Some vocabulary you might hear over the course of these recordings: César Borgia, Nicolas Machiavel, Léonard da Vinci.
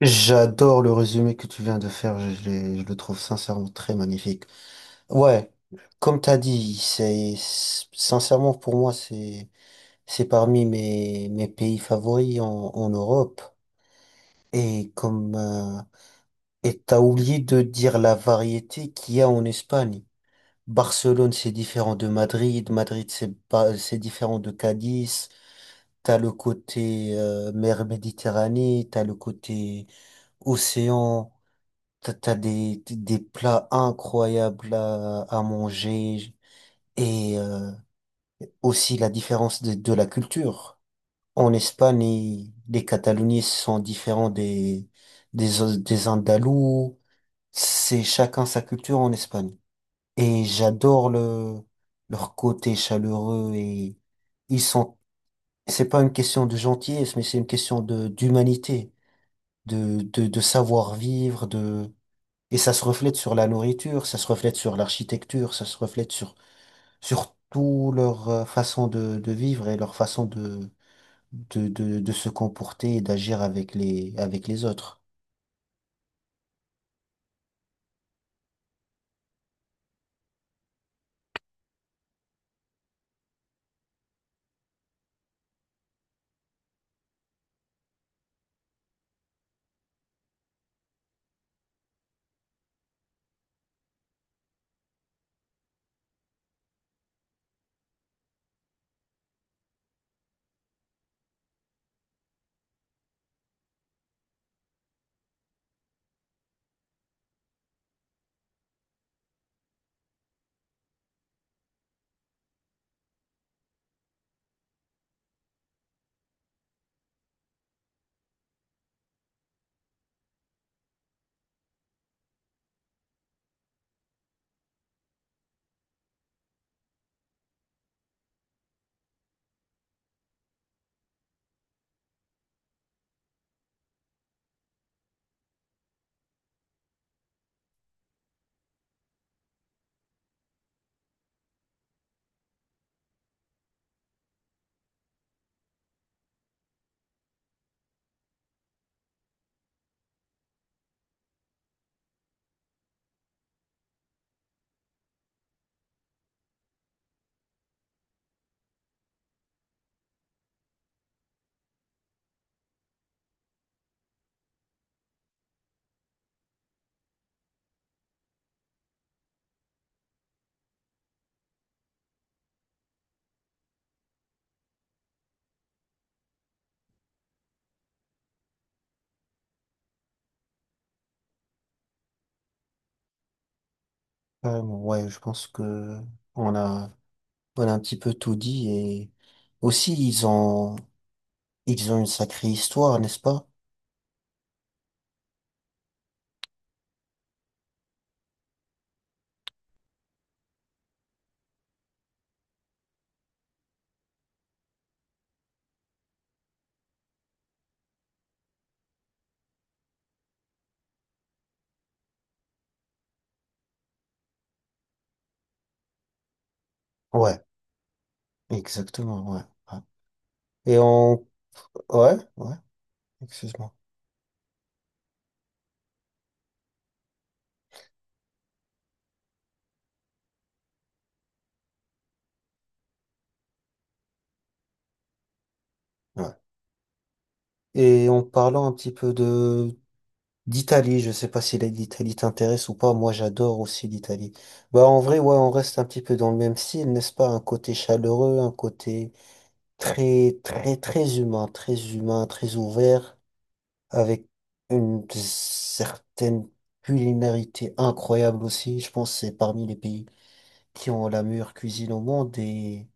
J'adore le résumé que tu viens de faire, je le trouve sincèrement très magnifique. Ouais, comme t'as dit, sincèrement pour moi c'est parmi mes pays favoris en Europe. Et comme et t'as oublié de dire la variété qu'il y a en Espagne. Barcelone c'est différent de Madrid, Madrid c'est pas c'est différent de Cadiz. T'as le côté mer Méditerranée, t'as le côté océan. T'as des plats incroyables à manger et aussi la différence de la culture. En Espagne, les Cataloniens sont différents des Andalous. C'est chacun sa culture en Espagne. Et j'adore leur côté chaleureux et ils sont, c'est pas une question de gentillesse, mais c'est une question d'humanité, de savoir vivre, et ça se reflète sur la nourriture, ça se reflète sur l'architecture, ça se reflète sur tout leur façon de vivre et leur façon de se comporter et d'agir avec avec les autres. Carrément, ouais, je pense que on a, on a un petit peu tout dit et aussi ils ont une sacrée histoire, n'est-ce pas? Ouais. Exactement, ouais. Ouais. Et on... Ouais, ouais, excuse-moi. Ouais. Et en parlant un petit peu de d'Italie, je sais pas si l'Italie t'intéresse ou pas, moi j'adore aussi l'Italie. Bah en vrai, ouais, on reste un petit peu dans le même style, n'est-ce pas? Un côté chaleureux, un côté très, très, très humain, très humain, très ouvert, avec une certaine culinarité incroyable aussi. Je pense que c'est parmi les pays qui ont la meilleure cuisine au monde et...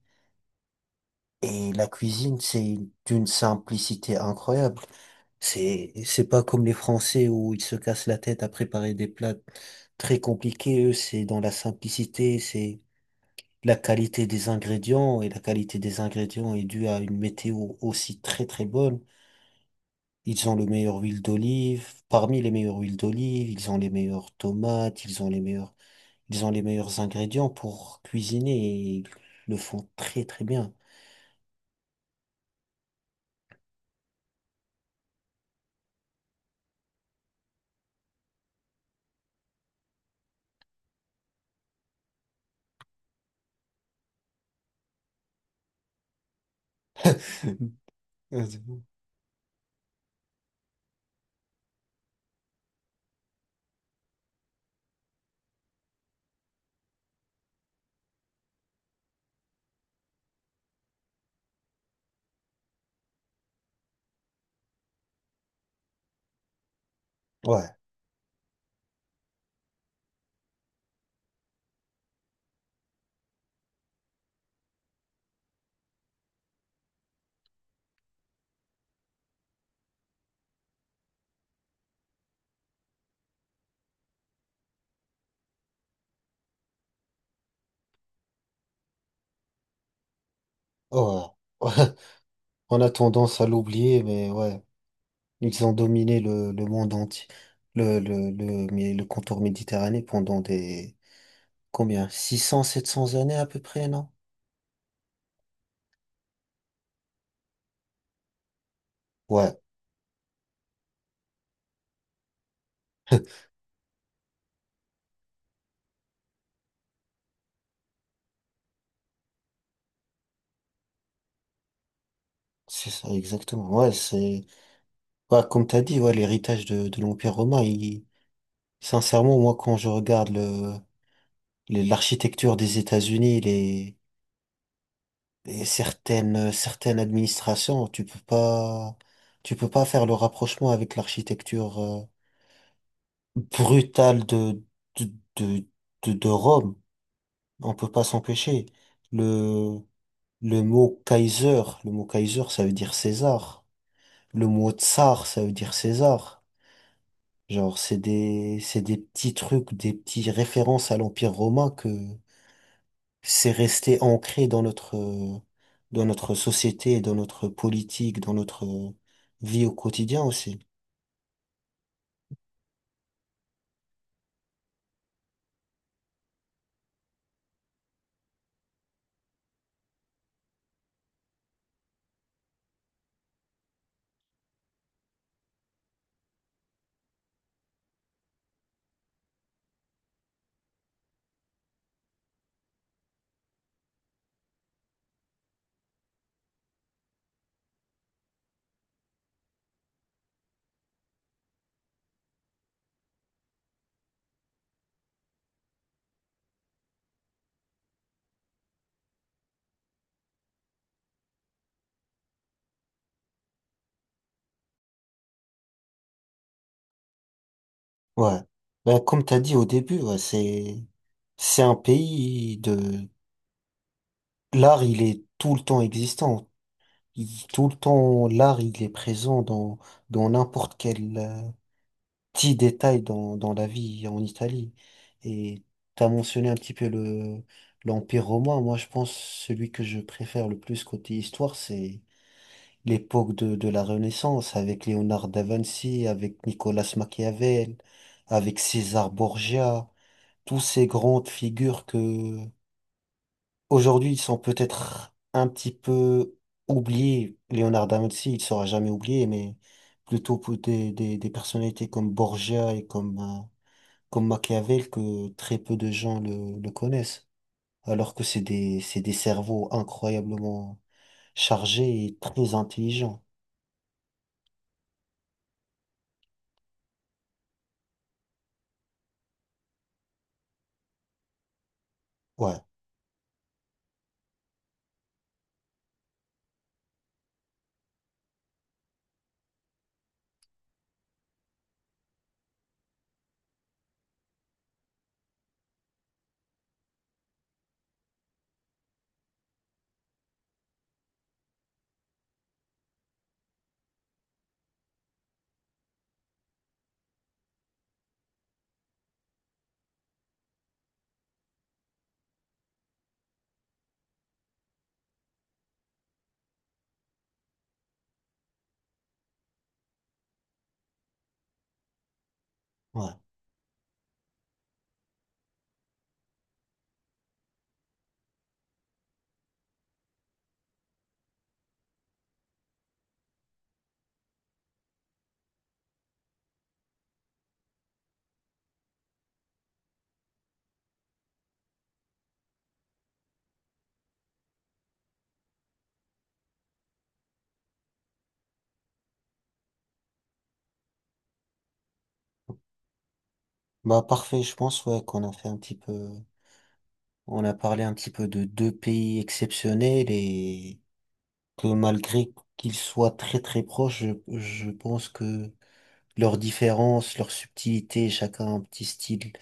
Et la cuisine, c'est d'une simplicité incroyable. C'est pas comme les Français où ils se cassent la tête à préparer des plats très compliqués. Eux, c'est dans la simplicité, c'est la qualité des ingrédients. Et la qualité des ingrédients est due à une météo aussi très très bonne. Ils ont le meilleur huile d'olive. Parmi les meilleures huiles d'olive, ils ont les meilleures tomates, ils ont les meilleurs ingrédients pour cuisiner et ils le font très très bien. Ouais. Oh, ouais. On a tendance à l'oublier, mais ouais, ils ont dominé le monde entier, le contour méditerranéen pendant des, combien? Six cents, sept 700 années à peu près, non? Ouais, c'est ça, exactement. Ouais, c'est, ouais, comme t'as dit, ouais, l'héritage de l'Empire romain, il, sincèrement, moi, quand je regarde l'architecture des États-Unis, les certaines, certaines administrations, tu peux pas faire le rapprochement avec l'architecture, brutale de, de, de Rome. On peut pas s'empêcher. Le, le mot Kaiser, ça veut dire César. Le mot Tsar, ça veut dire César. Genre, c'est des petits trucs, des petites références à l'Empire romain que c'est resté ancré dans dans notre société, dans notre politique, dans notre vie au quotidien aussi. Ouais. Ben comme t'as dit au début, ouais, c'est un pays de l'art. Il est tout le temps existant. Tout le temps, l'art, il est présent dans n'importe quel petit détail dans la vie en Italie. Et tu as mentionné un petit peu l'Empire romain. Moi, je pense celui que je préfère le plus côté histoire, c'est l'époque de la Renaissance avec Léonard da Vinci, avec Nicolas Machiavel, avec César Borgia, tous ces grandes figures que Aujourd'hui, ils sont peut-être un petit peu oubliés. Léonard da Vinci, il sera jamais oublié, mais plutôt pour des personnalités comme Borgia et comme Machiavel que très peu de gens le connaissent. Alors que c'est des cerveaux incroyablement chargés et très intelligents. Ouais, ouais. Bah, parfait, je pense, ouais, qu'on a fait un petit peu, on a parlé un petit peu de deux pays exceptionnels et que malgré qu'ils soient très très proches, je pense que leurs différences, leurs subtilités, chacun a un petit style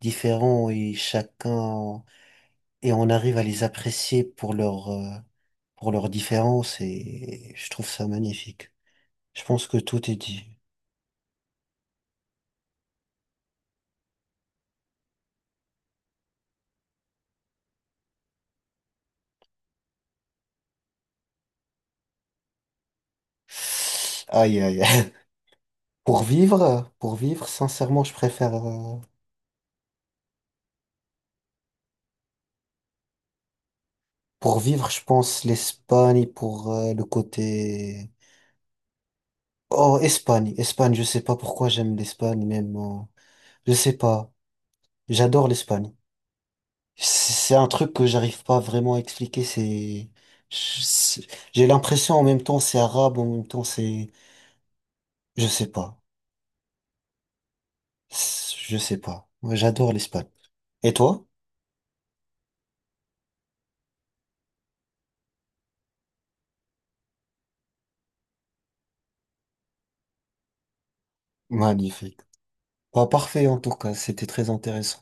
différent et chacun et on arrive à les apprécier pour leur pour leurs différences et je trouve ça magnifique. Je pense que tout est dit. Aïe aïe. Aïe. Pour vivre, sincèrement, je préfère pour vivre, je pense l'Espagne pour le côté... Oh, Espagne, Espagne, je sais pas pourquoi j'aime l'Espagne, même je sais pas. J'adore l'Espagne. C'est un truc que j'arrive pas vraiment à expliquer. C'est, je- c'est- j'ai l'impression en même temps c'est arabe, en même temps c'est, je sais pas. Je sais pas. Moi, j'adore l'Espagne. Et toi? Magnifique. Pas parfait en tout cas. C'était très intéressant.